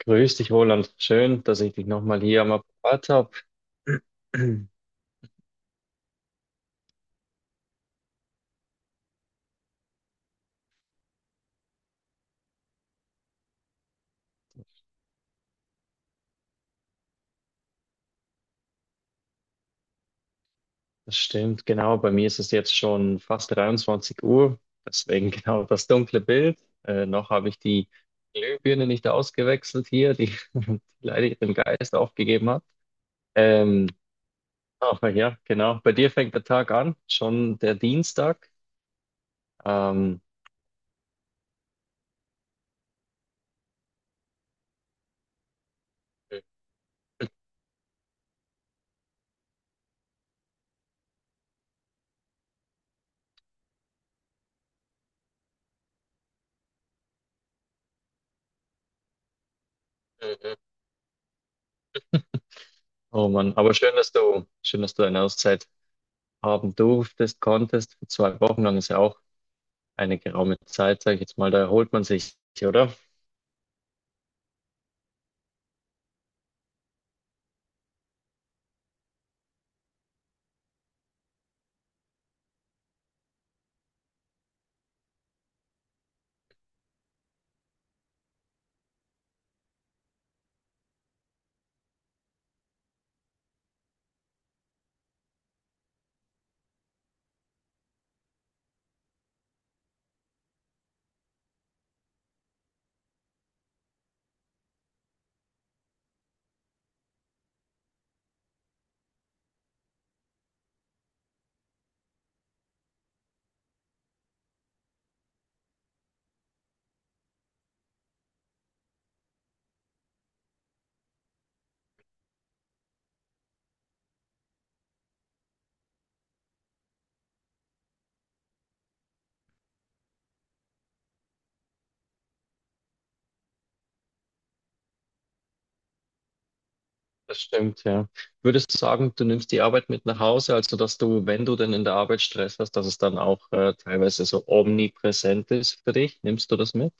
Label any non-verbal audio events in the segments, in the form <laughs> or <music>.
Grüß dich, Roland. Schön, dass ich dich nochmal hier am Apparat habe. <clears throat> Das stimmt, genau. Bei mir ist es jetzt schon fast 23 Uhr, deswegen <laughs> genau das dunkle Bild. Noch habe ich die Glühbirne nicht ausgewechselt hier, die, <laughs> die leider ihren Geist aufgegeben hat. Ähm, aber ja, genau. Bei dir fängt der Tag an, schon der Dienstag. Ähm, Mhm. Oh Mann, aber schön, dass du eine Auszeit haben durftest, konntest. Zwei Wochen lang ist ja auch eine geraume Zeit, sage ich jetzt mal, da erholt man sich, oder? Das stimmt, ja. Würdest du sagen, du nimmst die Arbeit mit nach Hause, also dass du, wenn du denn in der Arbeit Stress hast, dass es dann auch teilweise so omnipräsent ist für dich? Nimmst du das mit?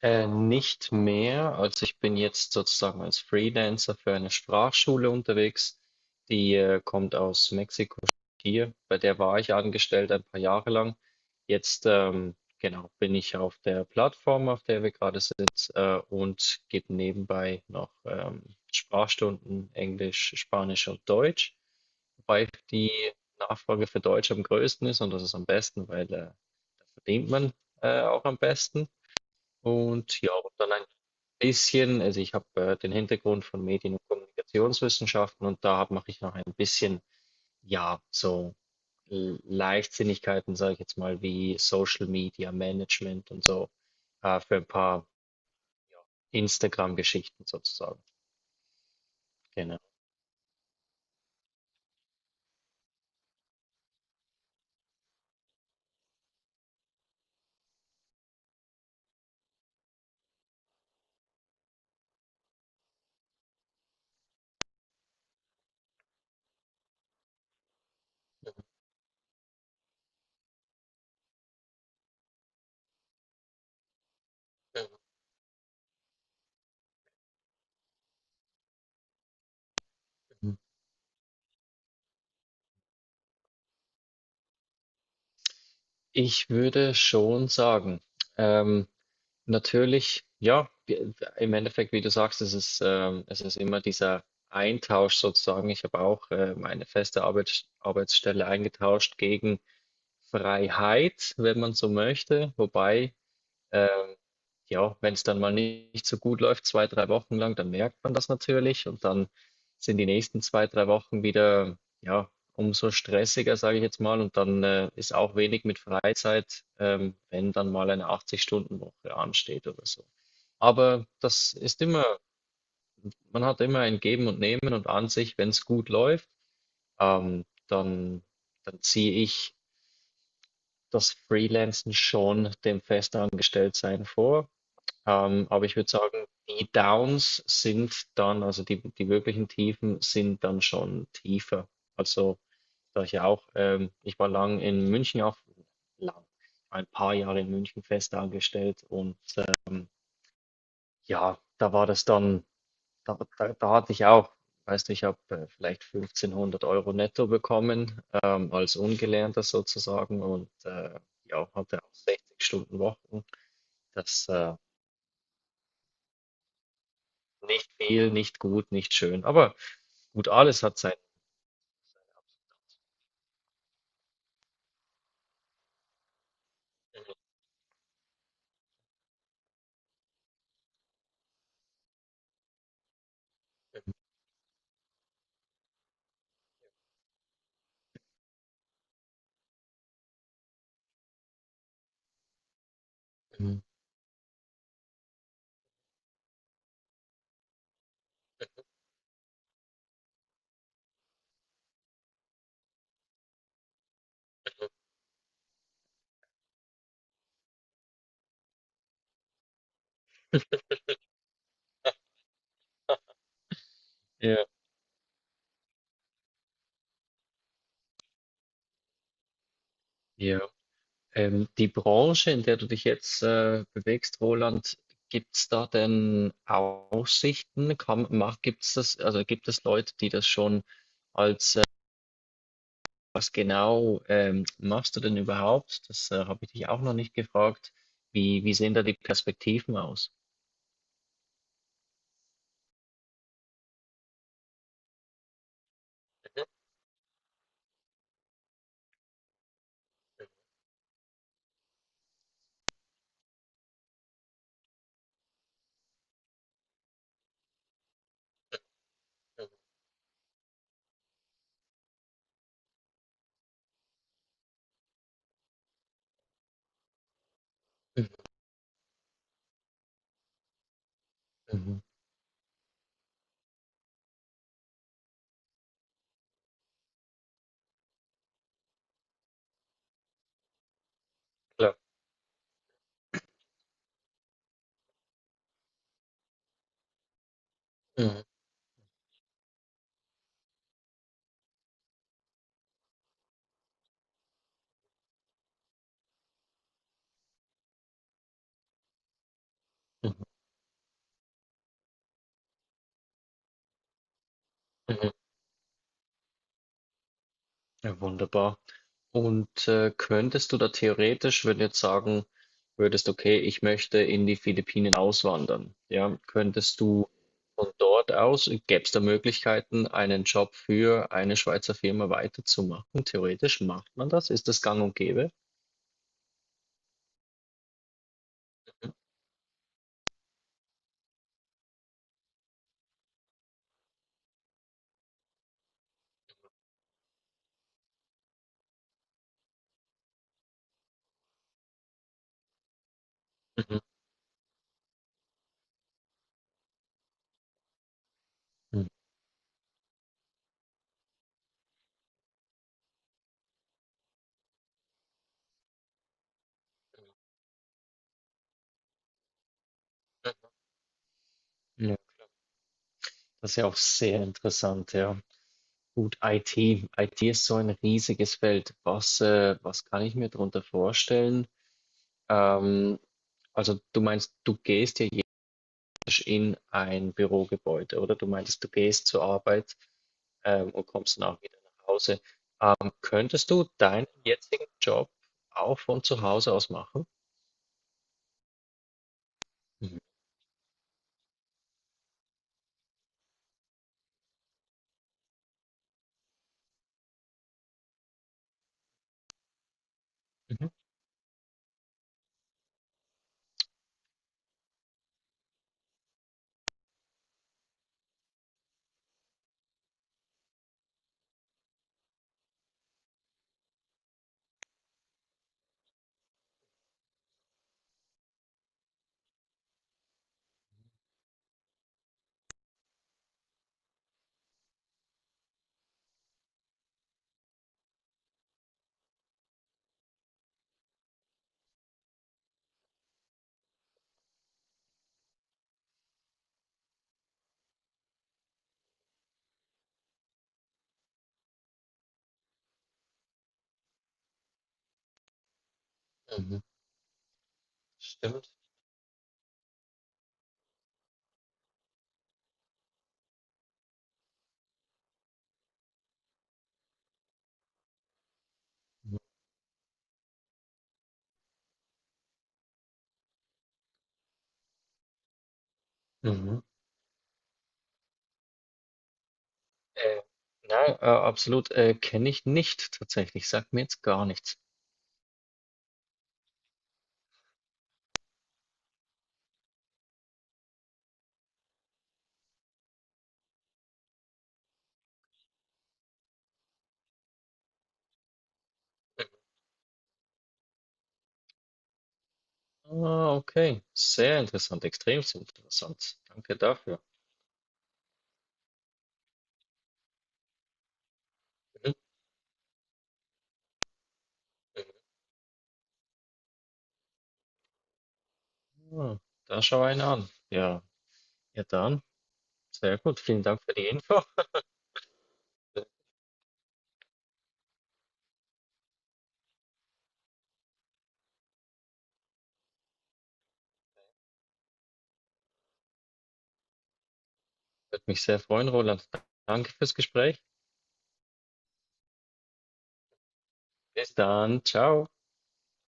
Nicht mehr. Also ich bin jetzt sozusagen als Freelancer für eine Sprachschule unterwegs. Die kommt aus Mexiko hier. Bei der war ich angestellt ein paar Jahre lang. Jetzt genau bin ich auf der Plattform, auf der wir gerade sind, und gebe nebenbei noch Sprachstunden Englisch, Spanisch und Deutsch, wobei die Nachfrage für Deutsch am größten ist und das ist am besten, weil da verdient man auch am besten. Und ja, und dann ein bisschen, also ich habe den Hintergrund von Medien- und Kommunikationswissenschaften und mache ich noch ein bisschen, ja, so Leichtsinnigkeiten, sage ich jetzt mal, wie Social Media Management und so, für ein paar ja, Instagram-Geschichten sozusagen. Genau. Mhm. Ich würde schon sagen, ähm, natürlich, ja, im Endeffekt, wie du sagst, es ist immer dieser Eintausch sozusagen. Ich habe auch meine feste Arbeitsstelle eingetauscht gegen Freiheit, wenn man so möchte. Wobei ähm, ja, wenn es dann mal nicht so gut läuft, zwei, drei Wochen lang, dann merkt man das natürlich und dann sind die nächsten zwei, drei Wochen wieder, ja, umso stressiger, sage ich jetzt mal. Und dann ist auch wenig mit Freizeit, wenn dann mal eine 80-Stunden-Woche ansteht oder so. Aber das ist immer, man hat immer ein Geben und Nehmen und an sich, wenn es gut läuft, dann, dann ziehe ich das Freelancen schon dem Festangestelltsein vor. Aber ich würde sagen, die Downs sind dann, also die, die wirklichen Tiefen sind dann schon tiefer. Also, da ich ja auch, ich war lang in München auch, lang, ein paar Jahre in München fest angestellt und ähm, ja, da war das dann, da, da, da hatte ich auch, weißt du, ich habe vielleicht 1500 Euro netto bekommen, als Ungelernter sozusagen und ja, hatte auch 60 Stunden Wochen. Das Nicht viel, nicht gut, nicht schön. Aber gut, alles hat sein. Mhm. Ja, ja. Die Branche, in der du dich jetzt bewegst, Roland, gibt es da denn Aussichten? Kann, mach, gibt's das, also gibt es Leute, die das schon als, was genau machst du denn überhaupt? Das Habe ich dich auch noch nicht gefragt. Wie, wie sehen da die Perspektiven aus? Mhm, mhm, klar. Mhm, mhm, mhm. Ja, wunderbar. Und könntest du da theoretisch, wenn du jetzt sagen würdest, okay, ich möchte in die Philippinen auswandern, ja, könntest du von dort aus, gäbe es da Möglichkeiten, einen Job für eine Schweizer Firma weiterzumachen? Theoretisch macht man das? Ist das gang und gäbe? Mhm. Mhm. Ja, klar. Das ist ja auch sehr interessant, ja. Gut, IT. IT ist so ein riesiges Feld. Was, was kann ich mir darunter vorstellen? Ähm, also du meinst, du gehst ja in ein Bürogebäude, oder? Du meintest, du gehst zur Arbeit, und kommst dann auch wieder nach Hause. Könntest du deinen jetzigen Job auch von zu Hause aus machen? Mhm. Mhm. Mhm. Stimmt. Mhm. Äh, nein, absolut, kenne ich nicht tatsächlich. Sagt mir jetzt gar nichts. Ah, okay. Sehr interessant, extrem interessant. Danke dafür. Mhm. Ah, da schau einen an. Ja, ja dann. Sehr gut. Vielen Dank für die Info. Würde mich sehr freuen, Roland. Danke fürs Gespräch. Bis dann. Ciao.